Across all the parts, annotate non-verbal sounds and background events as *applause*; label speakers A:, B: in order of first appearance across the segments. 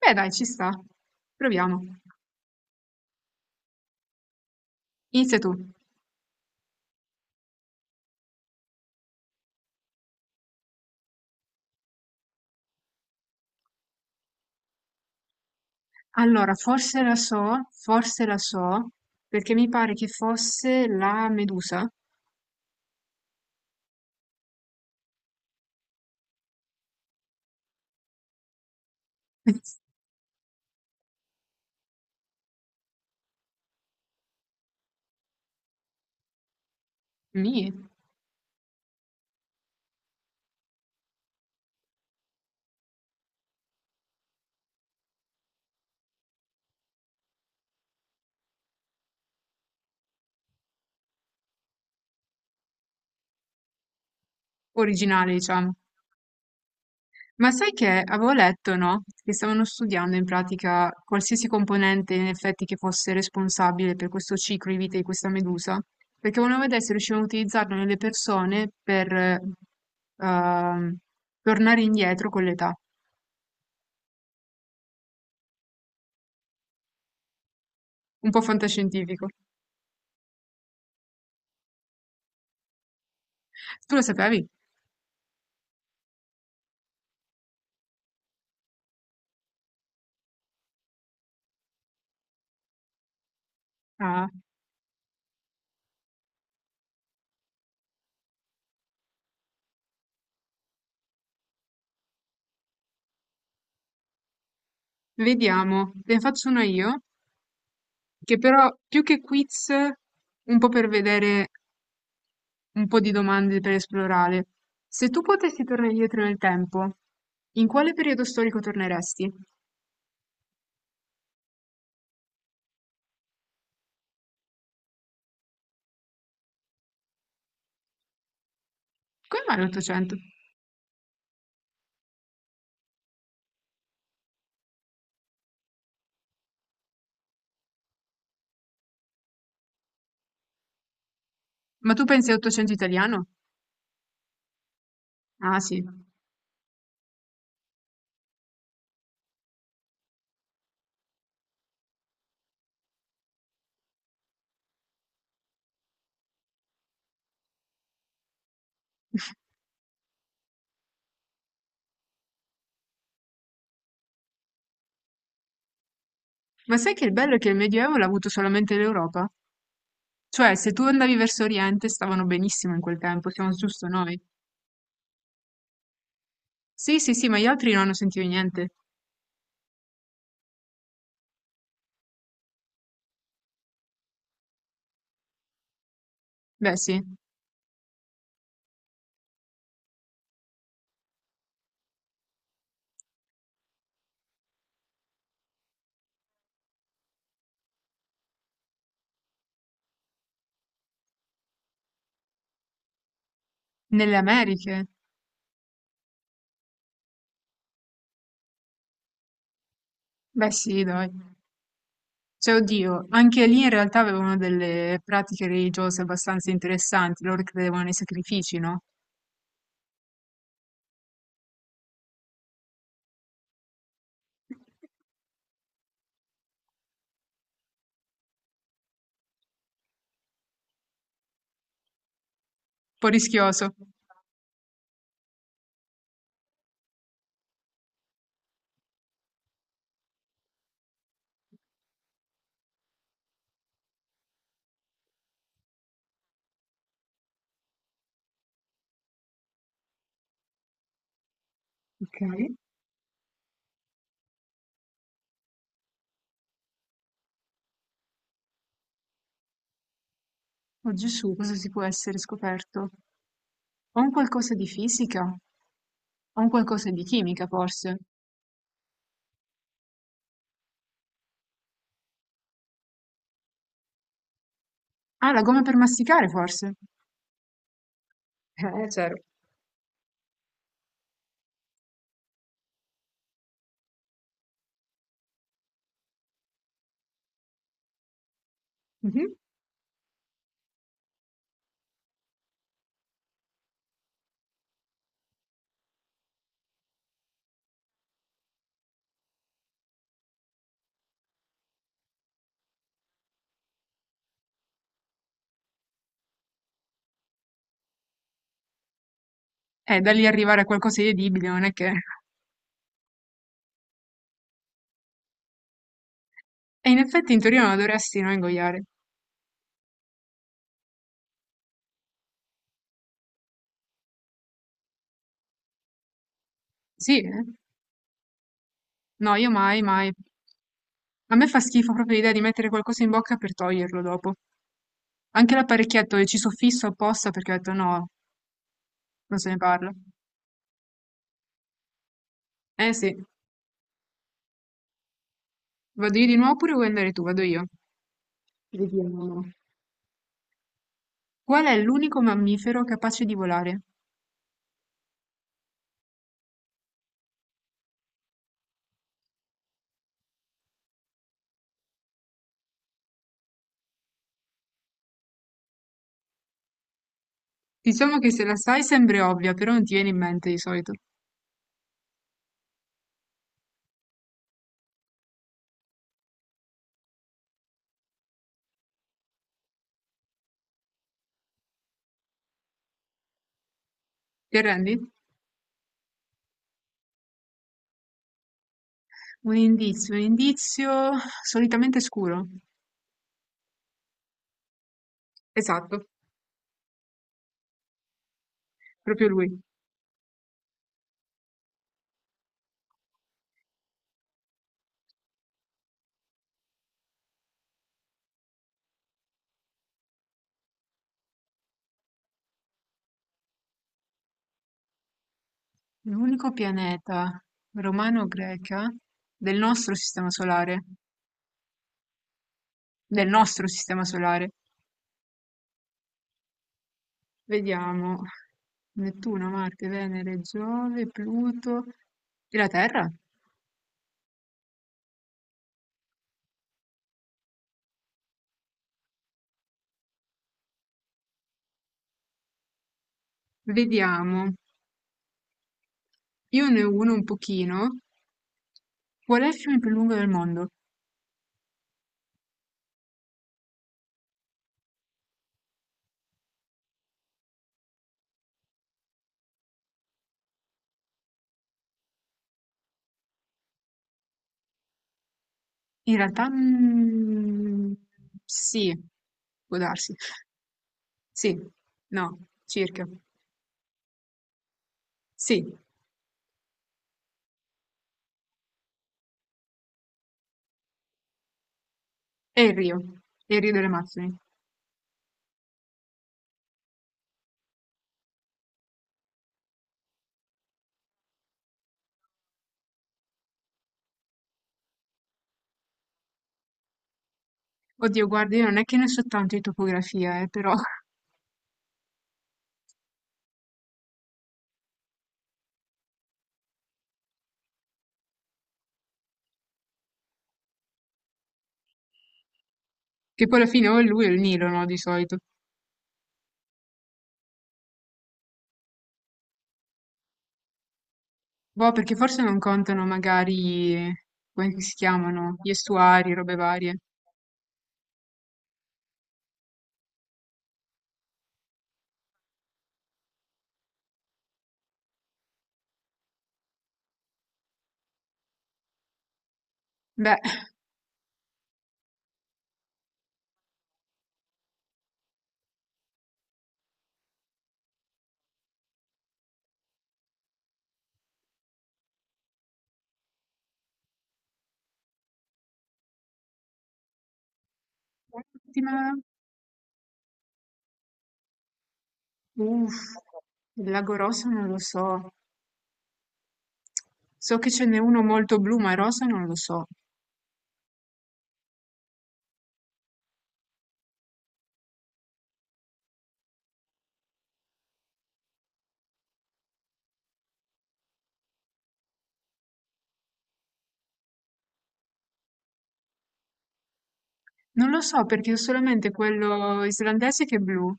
A: Beh dai, ci sta. Proviamo. Inizia tu. Allora, forse la so, perché mi pare che fosse la Medusa. *laughs* Nì, originale, diciamo. Ma sai che avevo letto, no? Che stavano studiando in pratica qualsiasi componente in effetti che fosse responsabile per questo ciclo di vita di questa medusa, perché volevano vedere se riuscivano a utilizzarlo nelle persone per ehm, tornare indietro con l'età. Un po' fantascientifico. Tu lo sapevi? Ah. Vediamo, ne faccio una io, che però più che quiz, un po' per vedere un po' di domande per esplorare. Se tu potessi tornare indietro nel tempo, in quale periodo storico torneresti? Come mai l'Ottocento? Ma tu pensi all'Ottocento italiano? Ah sì. *laughs* Ma sai che il bello è che il Medioevo l'ha avuto solamente l'Europa? Cioè, se tu andavi verso Oriente, stavano benissimo in quel tempo, siamo giusto noi. Sì, sì, sì, ma gli altri non hanno sentito niente. Beh sì, nelle Americhe. Beh sì, dai. Cioè, oddio, anche lì in realtà avevano delle pratiche religiose abbastanza interessanti, loro credevano nei sacrifici, no? Un po' rischioso. Ok. Oh Gesù, cosa si può essere scoperto? Ho un qualcosa di fisica? Ho un qualcosa di chimica, forse? Ah, la gomma per masticare, forse? C'ero. Mhm. Da lì arrivare a qualcosa di edibile, non è che... E in effetti in teoria non la dovresti, no, ingoiare. Sì, eh? No, io mai, mai. A me fa schifo proprio l'idea di mettere qualcosa in bocca per toglierlo dopo. Anche l'apparecchietto che ci soffisso apposta perché ho detto no, non se ne parla. Eh sì, vado io di nuovo oppure vuoi andare tu? Vado io. Vediamo. Qual è l'unico mammifero capace di volare? Diciamo che se la sai sembra ovvia, però non ti viene in mente di solito. Ti arrendi? Un indizio solitamente scuro. Esatto, proprio lui. L'unico pianeta romano-greca del nostro sistema solare. Del nostro sistema solare. Vediamo. Nettuno, Marte, Venere, Giove, Pluto e la Terra. Vediamo. Io ne ho uno un pochino. Qual è il fiume più lungo del mondo? In realtà, sì, può darsi. Sì, no, circa. Sì, è il Rio delle Amazzoni. Oddio, guarda, io non è che ne so tanto di topografia, però... *laughs* Che poi alla fine o è lui o il Nilo, no, di solito. Boh, perché forse non contano magari, come si chiamano, gli estuari, robe varie. Beh, l'ultima, uff, il lago rosa non lo so. So che ce n'è uno molto blu, ma rosa non lo so. Non lo so perché ho solamente quello islandese che è blu.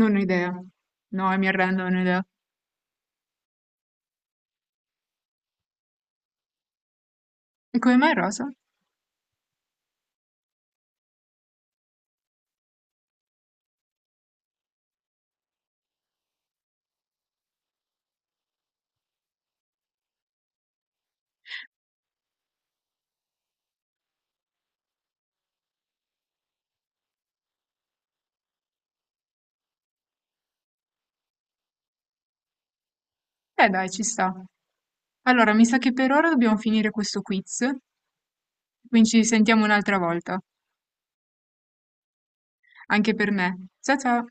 A: Non ho idea. No, mi arrendo, non ho idea. E come mai rosa? Dai, ci sta. Allora, mi sa che per ora dobbiamo finire questo quiz, quindi ci sentiamo un'altra volta, anche per me. Ciao ciao!